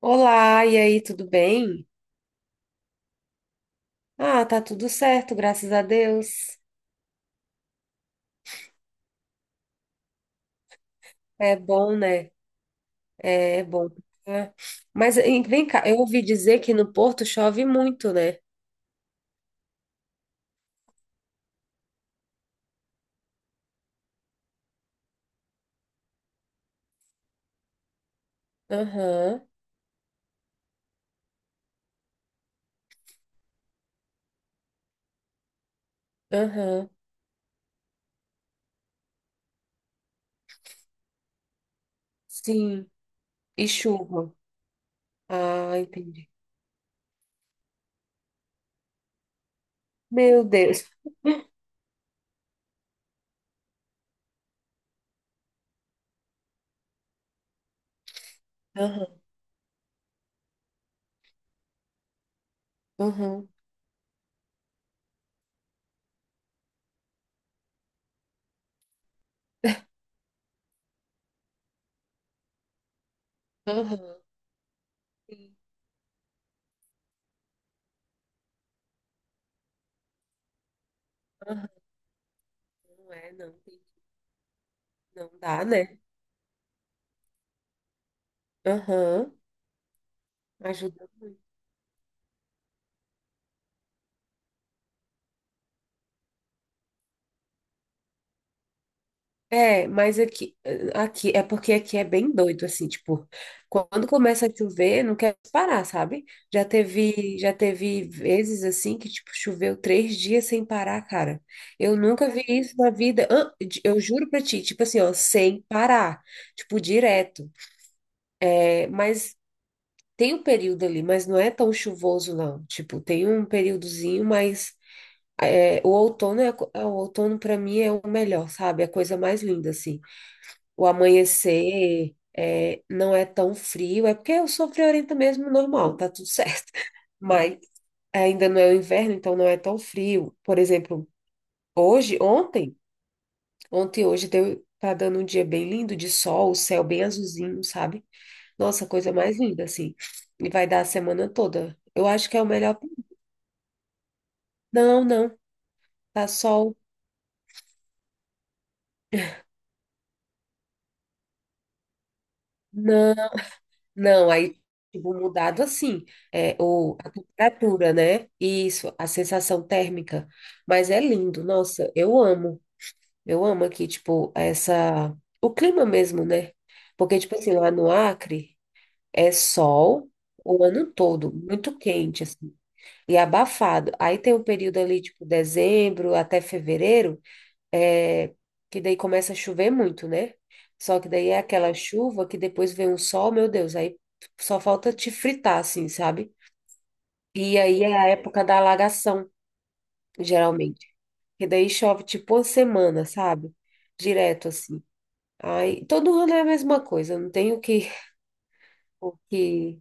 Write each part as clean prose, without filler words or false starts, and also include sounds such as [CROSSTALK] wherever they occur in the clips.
Olá, e aí, tudo bem? Ah, tá tudo certo, graças a Deus. É bom, né? É, é bom. É. Mas hein, vem cá, eu ouvi dizer que no Porto chove muito, né? Aham, aham, sim. E chuva. Ah, entendi. Meu Deus. Aham, aham, aham. Sim, aham. Não é, não. Não dá, né? Aham. Ajuda. É, mas aqui, aqui é porque aqui é bem doido, assim, tipo, quando começa a chover, não quer parar, sabe? Já teve vezes assim que, tipo, choveu três dias sem parar, cara. Eu nunca vi isso na vida. Ah, eu juro pra ti, tipo assim, ó, sem parar, tipo, direto. É, mas tem um período ali, mas não é tão chuvoso, não. Tipo, tem um períodozinho, mas é, o outono é, é, o outono para mim é o melhor, sabe? É a coisa mais linda, assim o amanhecer é, não é tão frio, é porque eu sou friorenta mesmo, normal, tá tudo certo. [LAUGHS] Mas ainda não é o inverno, então não é tão frio. Por exemplo, hoje, ontem, ontem e hoje deu, tá dando um dia bem lindo de sol, o céu bem azulzinho, sabe? Nossa, coisa mais linda, assim. E vai dar a semana toda. Eu acho que é o melhor. Não, não, tá sol. Não. Não, aí, tipo, mudado assim, é, o, a temperatura, né? Isso, a sensação térmica. Mas é lindo, nossa, eu amo. Eu amo aqui, tipo, essa... O clima mesmo, né? Porque, tipo assim, lá no Acre é sol o ano todo, muito quente, assim, e abafado. Aí tem o período ali, tipo, dezembro até fevereiro, é, que daí começa a chover muito, né? Só que daí é aquela chuva que depois vem um sol, meu Deus, aí só falta te fritar, assim, sabe? E aí é a época da alagação, geralmente. E daí chove tipo uma semana, sabe? Direto, assim. Aí, todo ano é a mesma coisa, não tem o que...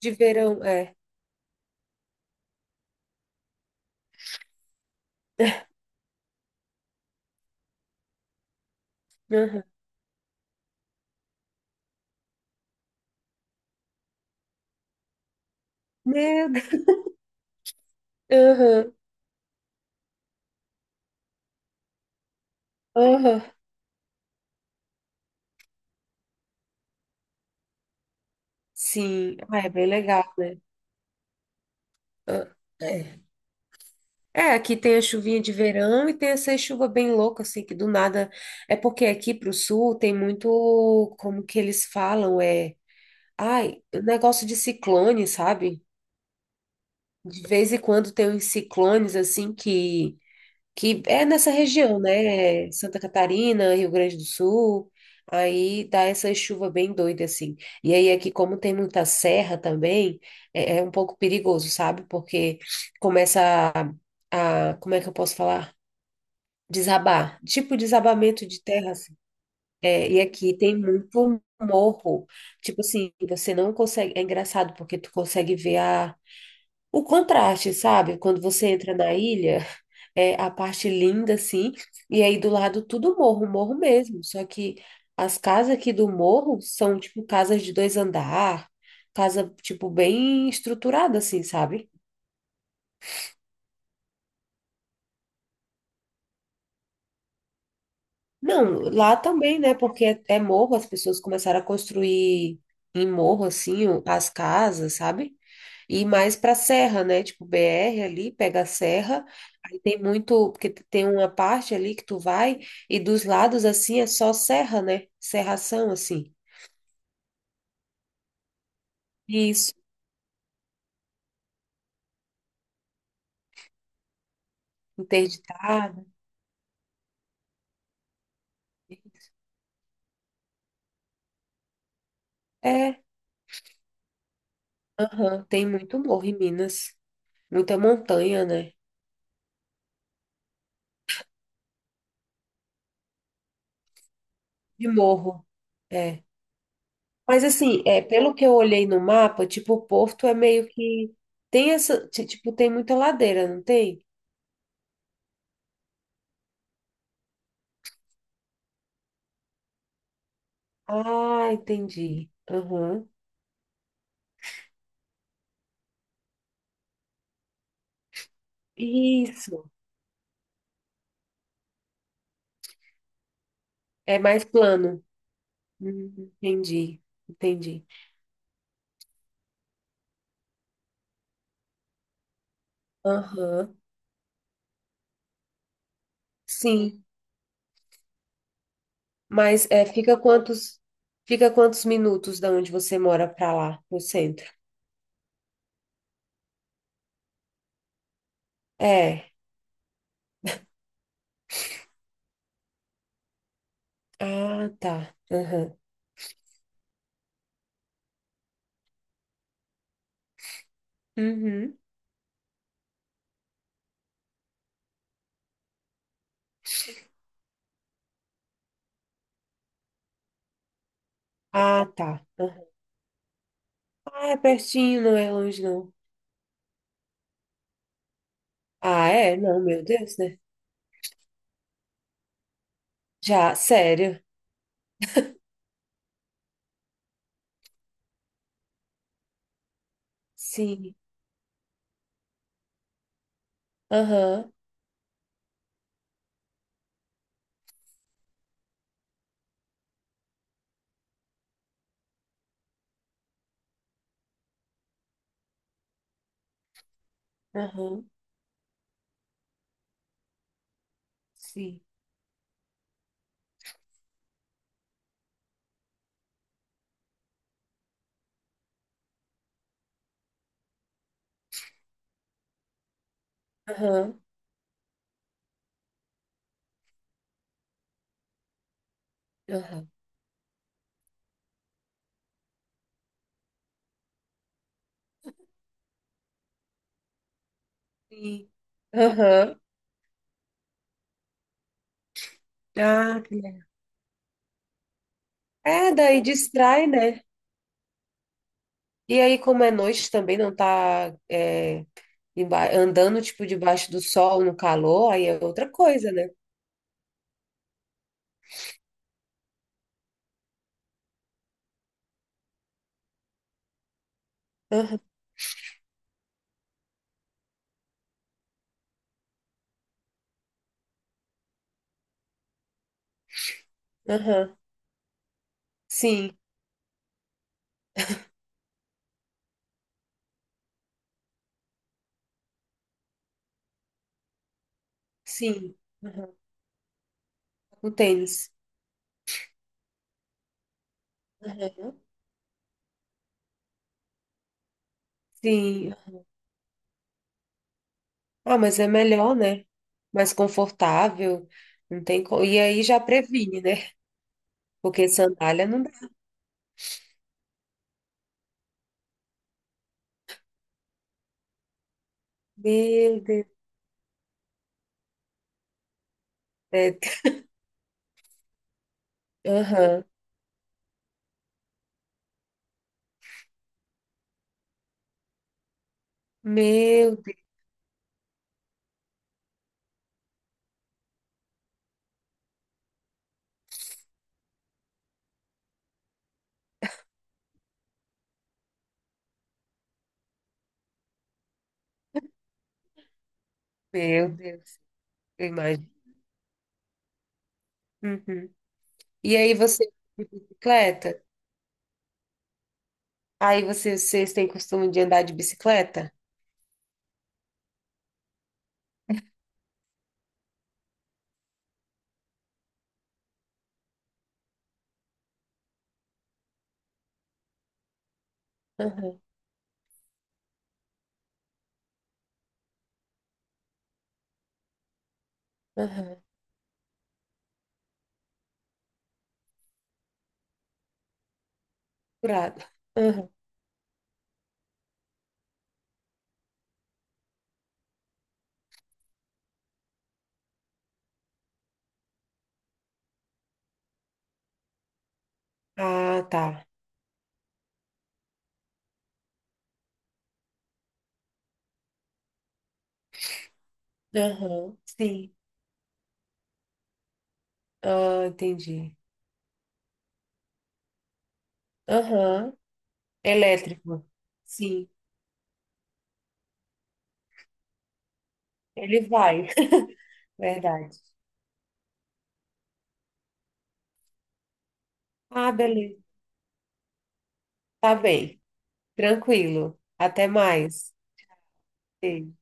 De verão, é. Aham. Meu Deus. Aham, aham. Sim, ah, é bem legal, né? Ah, é. É, aqui tem a chuvinha de verão e tem essa chuva bem louca, assim, que do nada. É porque aqui pro sul tem muito, como que eles falam, é. Ai, o negócio de ciclone, sabe? De vez em quando tem uns ciclones, assim, que. Que é nessa região, né? Santa Catarina, Rio Grande do Sul. Aí dá essa chuva bem doida, assim. E aí aqui, como tem muita serra também, é, é um pouco perigoso, sabe? Porque começa Como é que eu posso falar? Desabar, tipo desabamento de terra, assim. É, e aqui tem muito morro. Tipo assim, você não consegue. É engraçado porque tu consegue ver a, o contraste, sabe? Quando você entra na ilha, é a parte linda, assim, e aí do lado tudo morro, morro mesmo. Só que as casas aqui do morro são tipo casas de dois andar, casa, tipo, bem estruturada, assim, sabe? Não, lá também, né? Porque é, é morro, as pessoas começaram a construir em morro, assim, as casas, sabe? E mais pra serra, né? Tipo, BR ali, pega a serra, aí tem muito, porque tem uma parte ali que tu vai, e dos lados, assim, é só serra, né? Serração, assim. Isso, interditada. É, aham, tem muito morro em Minas. Muita montanha, né? De morro. É. Mas assim, é, pelo que eu olhei no mapa, tipo, o Porto é meio que tem essa, tipo, tem muita ladeira, não tem? Ah, entendi. Aham. Isso. É mais plano. Entendi, entendi. Aham. Sim, mas é, fica quantos minutos da onde você mora para lá, no centro? É. Ah, tá. Aham. Uhum. Ah, tá. Aham. Ah, é pertinho, não é longe, não. Ah, é? Não, meu Deus, né? Já, sério. Sim. Aham. Aham. Sim. Aham. Aham. Sim. Aham. Ah, que legal. É, daí distrai, né? E aí, como é noite também, não tá é, andando, tipo, debaixo do sol, no calor, aí é outra coisa, né? Aham, aham. Sim, sim. Aham. O tênis. Aham. Sim. Ah, mas é melhor, né? Mais confortável. Não tem co... E aí já previne, né? Porque sandália não. Meu Deus. É, aham. Meu Deus, meu Deus. Eu imagino. Uhum. E aí você de bicicleta? Aí vocês têm costume de andar de bicicleta? Aham, aham. Curado. Aham. Ah, tá. Aham. Sim. Ah, entendi. Aham. Elétrico. Sim. Ele vai. [LAUGHS] Verdade. Ah, beleza. Tá bem. Tranquilo. Até mais. Beijo.